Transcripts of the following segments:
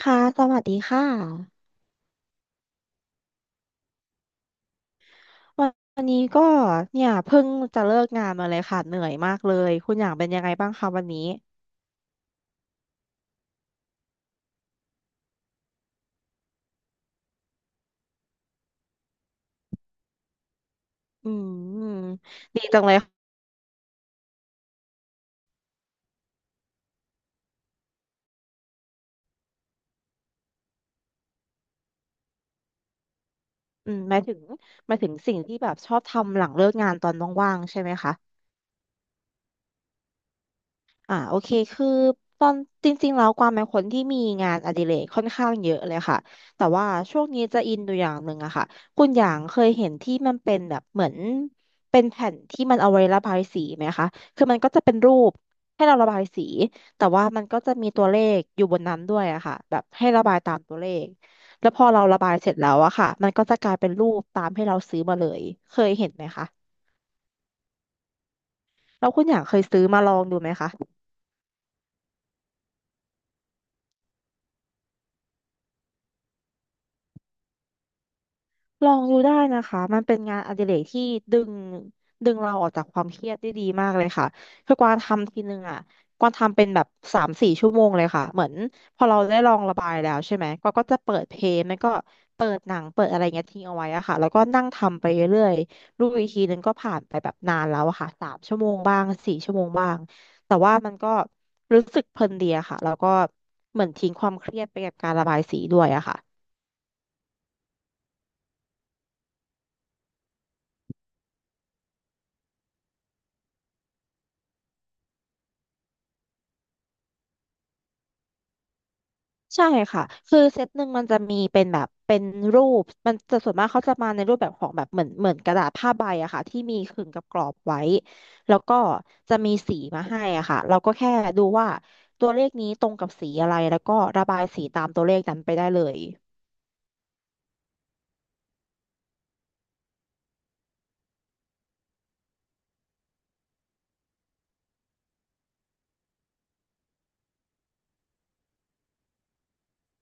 ค่ะ สวัสดีค่ะวันวันนี้ก็เนี่ยเพิ่งจะเลิกงานมาเลยค่ะเหนื่อยมากเลยคุณอย่างเป็นยังไงบ้างคะวันนี้อืมดีจังเลยอืมหมายถึงหมายถึงสิ่งที่แบบชอบทำหลังเลิกงานตอนว่างๆใช่ไหมคะ โอเคคือตอนจริงๆแล้วกวางเป็นคนที่มีงานอดิเรกค่อนข้างเยอะเลยค่ะแต่ว่าช่วงนี้จะอินอยูอย่างหนึ่งอะค่ะคุณอย่างเคยเห็นที่มันเป็นแบบเหมือนเป็นแผ่นที่มันเอาไว้ระบายสีไหมคะคือมันก็จะเป็นรูปให้เราระบายสีแต่ว่ามันก็จะมีตัวเลขอยู่บนนั้นด้วยอะค่ะแบบให้ระบายตามตัวเลขแล้วพอเราระบายเสร็จแล้วอะค่ะมันก็จะกลายเป็นรูปตามให้เราซื้อมาเลยเคยเห็นไหมคะแล้วคุณอย่างเคยซื้อมาลองดูไหมคะ ลองดูได้นะคะ มันเป็นงานอดิเรกที่ดึงดึงเราออกจากความเครียดได้ดีมากเลยค่ะคือกวางทำทีนึงอ่ะกวางทำเป็นแบบสามสี่ชั่วโมงเลยค่ะ เหมือนพอเราได้ลองระบายแล้วใช่ไหมกวางก็จะเปิดเพลงแล้วก็เปิดหนังเปิดอะไรเงี้ยทิ้งเอาไว้อะค่ะแล้วก็นั่งทำไปเรื่อยๆรู้อีกทีนึงก็ผ่านไปแบบนานแล้วอะค่ะสามชั่วโมงบ้างสี่ชั่วโมงบ้างแต่ว่ามันก็รู้สึกเพลินดีอะค่ะแล้วก็เหมือนทิ้งความเครียดไปกับการระบายสีด้วยอะค่ะ ใช่ค่ะ คือเซตหนึ่งมันจะมีเป็นแบบเป็นรูปมันจะส่วนมากเขาจะมาในรูปแบบของแบบเหมือนกระดาษผ้าใบอะค่ะที่มีขึงกับกรอบไว้ แล้วก็จะมีสีมาให้อะค่ะเราก็แค่ดูว่าตัวเลขนี้ตรงกับสีอะไรแล้วก็ระบายสีตามตัวเลขนั้นไปได้เลย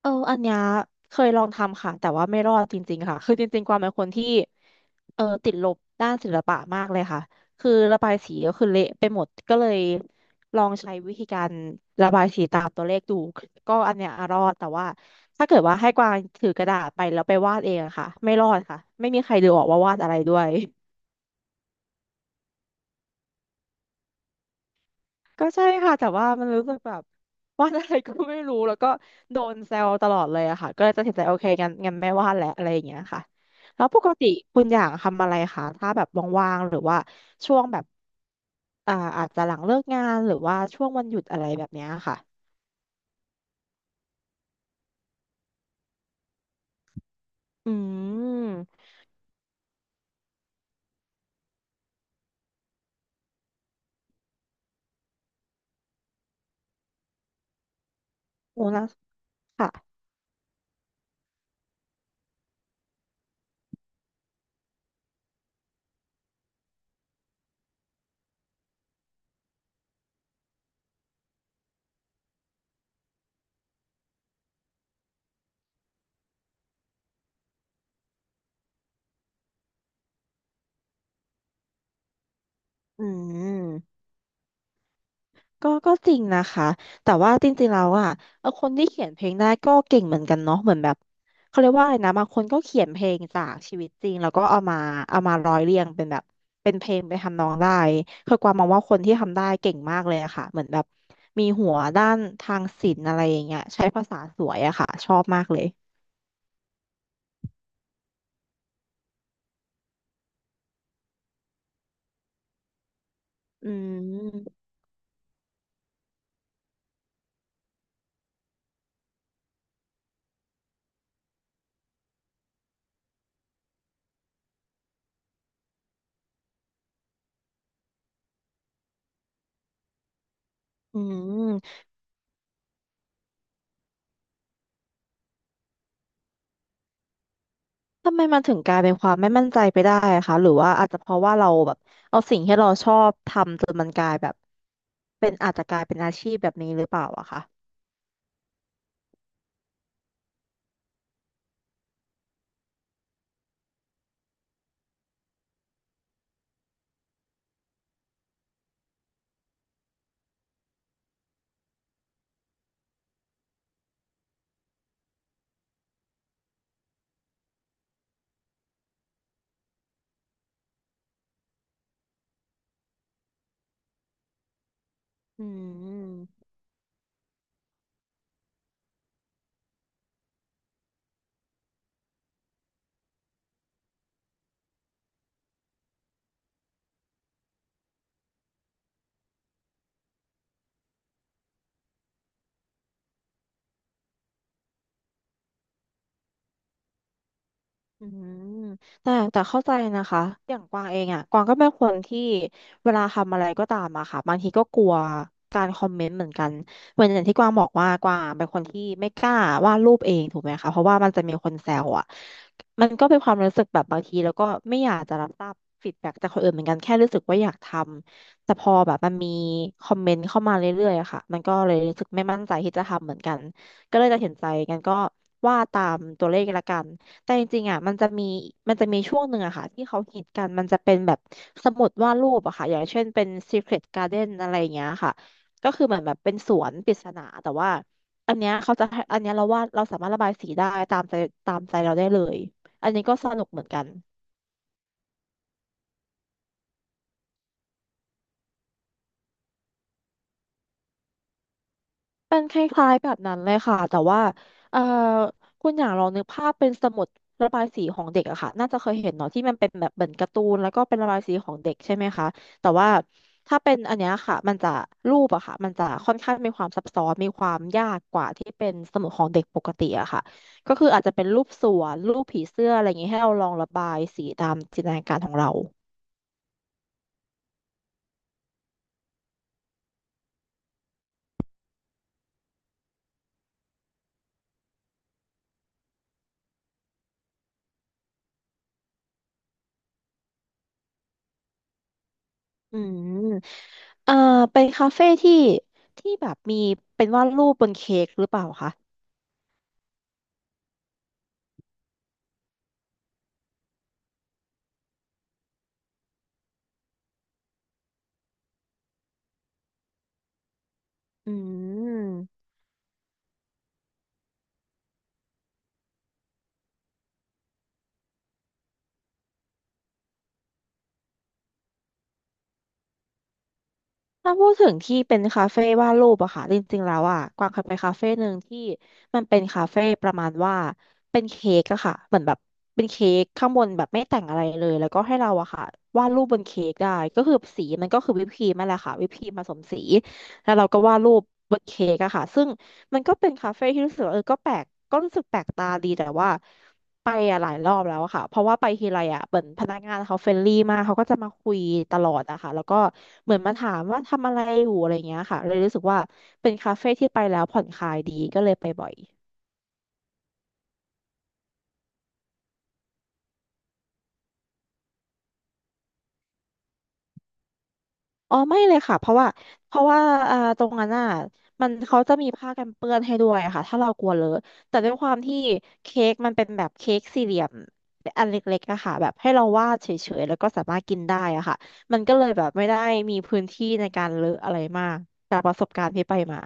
อันเนี้ยเคยลองทำค่ะแต่ว่าไม่รอดจริงๆค่ะคือจริงๆความเป็นคนที่ติดลบด้านศิลปะมากเลยค่ะคือระบายสีก็คือเละไปหมดก็เลยลองใช้วิธีการ ตัวเลขดูก็อันเนี้ยอ่ะรอดแต่ว่าถ้าเกิดว่าให้กวางถือกระดาษไปแล้วไปวาดเองอะค่ะไม่รอดค่ะไม่มีใครดูออกว่าวาดอะไรด้วย ก็ใช่ค่ะแต่ว่ามันรู้สึกแบบวาดอะไรก็ไม่รู้แล้วก็โดนแซวตลอดเลยอะค่ะก็เลยตัดสินใจโอเคงั้นไม่วาดแล้วอะไรอย่างเงี้ยค่ะแล้วปกติคุณอย่างทำอะไรคะถ้าแบบว่างๆหรือว่าช่วงแบบอาจจะหลังเลิกงานหรือว่าช่วงวันหยุดอะไรแบบเนี้ยค่ะอืมโอ้นะค่ะอืม ก็ก็จริงนะคะ แต่ว่าจริงๆแล้วอ่ะคนที่เขียนเพลงได้ก็เก่งเหมือนกันเนาะเหมือนแบบเขาเรียกว่าอะไรนะบางคนก็เขียนเพลงจากชีวิตจริงแล้วก็เอามาร้อยเรียงเป็นแบบเป็นเพลงไปนทำนองได้คือกวางมองว่าคนที่ทำได้เก่งมากเลยอะค่ะเหมือนแบบมีหัวด้านทางศิลป์อะไรอย่างเงี้ยใช้ภาษาสวยอะค่ะชอบมากเลย อืม อืม ทำไมมันถึงกลายเป็นความไม่มั่นใจไปได้อะคะ หรือว่าอาจจะเพราะว่าเราแบบเอาสิ่งที่เราชอบทำจนมันกลายแบบ เป็นอาจจะกลายเป็นอาชีพแบบนี้หรือเปล่าอะคะอืม อืมแต่เข้าใจนะคะอย่างกวางเองอ่ะกวางก็เป็นคนที่เวลาทำอะไรก็ตามอะค่ะบางทีก็กลัวการคอมเมนต์เหมือนกันเหมือนอย่างที่กวางบอกว่ากวางเป็นคนที่ไม่กล้าวาดรูปเองถูกไหมคะเพราะว่ามันจะมีคนแซวอ่ะมันก็เป็นความรู้สึกแบบบางทีแล้วก็ไม่อยากจะรับทราบฟีดแบ็กจากคนอื่นเหมือนกันแค่รู้สึกว่าอยากทำแต่พอแบบมันมีคอมเมนต์เข้ามาเรื่อยๆอะค่ะมันก็เลยรู้สึกไม่มั่นใจที่จะทำเหมือนกันก็เลยตัดสินใจกันก็ว่าตามตัวเลขละกัน แต่จริงๆอ่ะมันจะมีช่วงหนึ่งอะค่ะที่เขาฮิตกันมันจะเป็นแบบสมุดวาดรูปอะค่ะอย่างเช่นเป็น Secret Garden อะไรอย่างเงี้ยค่ะก็คือเหมือนแบบเป็นสวนปริศนาแต่ว่าอันเนี้ยเขาจะให้อันเนี้ยเราวาดเราสามารถระบายสีได้ตามใจตามใจเราได้เลยอันนี้ก็สนุกเหมือนกัน เป็นคล้ายๆแบบนั้นเลยค่ะแต่ว่าเอ่อคุณอย่างลองนึกภาพเป็นสมุดระบายสีของเด็กอะค่ะน่าจะเคยเห็นเนาะที่มันเป็นแบบเหมือนการ์ตูนแล้วก็เป็นระบายสีของเด็กใช่ไหมคะแต่ว่าถ้าเป็นอันเนี้ยค่ะมันจะรูปอะค่ะมันจะค่อนข้างมีความซับซ้อนมีความยากกว่าที่เป็นสมุดของเด็กปกติอะค่ะก็คืออาจจะเป็นรูปสวนรูปผีเสื้ออะไรอย่างงี้ให้เราลองระบายสีตามจินตนาการของเราอืมเอ่อเป็นคาเฟ่ที่ที่แบบมีเป็นวาดรูปบนเค้กหรือเปล่าคะ อืมถ้าพูดถึงที่เป็นคาเฟ่วาดรูปอะค่ะจริงๆแล้วอะกวางเคยไปคาเฟ่หนึ่งที่มันเป็นคาเฟ่ประมาณว่าเป็นเค้กอะค่ะเหมือนแบบเป็นเค้กข้างบนแบบไม่แต่งอะไรเลยแล้วก็ให้เราอะค่ะวาดรูปบนเค้กได้ก็คือสีมันก็คือวิปครีมนั่นแหละค่ะวิปครีมผสมสีแล้วเราก็วาดรูปบนเค้กอะค่ะซึ่งมันก็เป็นคาเฟ่ที่รู้สึกว่าเออก็แปลกก็รู้สึกแปลกตาดีแต่ว่า ไปอะหลายรอบแล้วอะค่ะเพราะว่าไปทีไรอะเหมือนพนักงานเขาเฟรนลี่มากเขาก็จะมาคุยตลอดอะค่ะแล้วก็เหมือนมาถามว่าทำอะไรอยู่อะไรเงี้ยค่ะเลยรู้สึกว่าเป็นคาเฟ่ที่ไปแล้วผ่อนคลายดีก็เลยไปบ่อย อ๋อไม่เลยค่ะเพราะว่าเพราะว่าตรงนั้นอ่ะมันเขาจะมีผ้ากันเปื้อนให้ด้วยค่ะถ้าเรากลัวเลอะแต่ด้วยความที่เค้กมันเป็นแบบเค้กสี่เหลี่ยมอันเล็กๆอะค่ะแบบให้เราวาดเฉยๆแล้วก็สามารถกินได้อะค่ะมันก็เลยแบบไม่ได้มีพื้นที่ในการเลอะอะไรมากจากประสบการณ์ที่ไปมา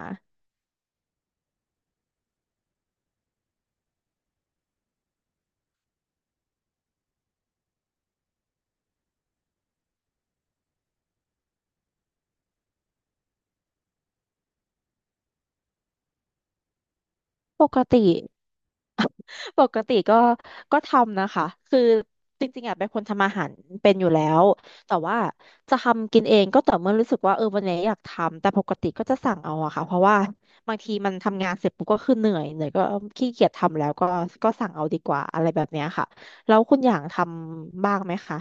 ปกติ ปกติก็ก็ทำนะคะคือจริงๆอ่ะเป็นคนทำอาหารเป็นอยู่แล้วแต่ว่าจะทำกินเองก็ต่อเมื่อรู้สึกว่าเออวันนี้อยากทำแต่ปกติก็จะสั่งเอาอะค่ะเพราะว่าบางทีมันทำงานเสร็จปุ๊บก็คือเหนื่อยก็ขี้เกียจทำแล้วก็สั่งเอาดีกว่าอะไรแบบเนี้ยค่ะแล้วคุณอย่างทำบ้างไหมคะ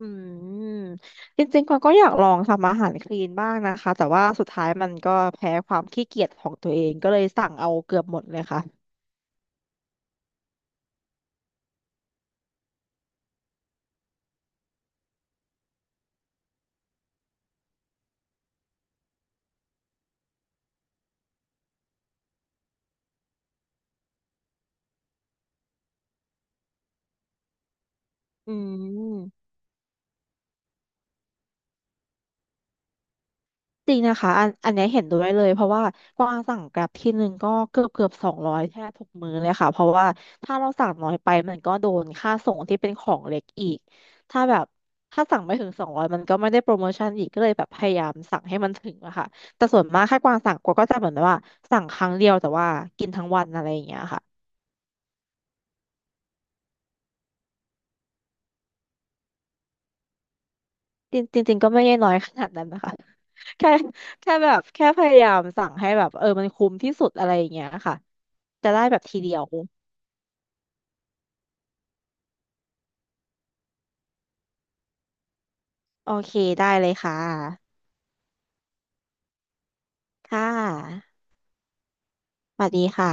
อืมจริงๆกวางก็อยากลองทำอาหารคลีนบ้างนะคะแต่ว่าสุดท้ายมันก็แพ้ความขี้เกียจของตัวเองก็เลยสั่งเอาเกือบหมดเลยค่ะอืม จริงนะคะอันเนี้ยเห็นด้วยเลยเพราะว่ากวางสั่งแกร็บที่หนึ่งก็เกือบสองร้อยแทบทุกมื้อเลยค่ะเพราะว่าถ้าเราสั่งน้อยไปมันก็โดนค่าส่งที่เป็นของเล็กอีกถ้าแบบถ้าสั่งไม่ถึงสองร้อยมันก็ไม่ได้โปรโมชั่นอีกก็เลยแบบพยายามสั่งให้มันถึงอะค่ะแต่ส่วนมากถ้ากวางสั่งกวางก็จะเหมือนว่าสั่งครั้งเดียวแต่ว่ากินทั้งวันอะไรอย่างเงี้ยค่ะจริงจริงๆก็ไม่ได้น้อยขนาดนั้นนะคะ แค่แค่แบบแค่พยายามสั่งให้แบบเออมันคุ้มที่สุดอะไรอย่างเงี้ยค่ะจะได้แบบทีเดียว โอเคได้เลยค่ะ ค่ะสวัสดีค่ะ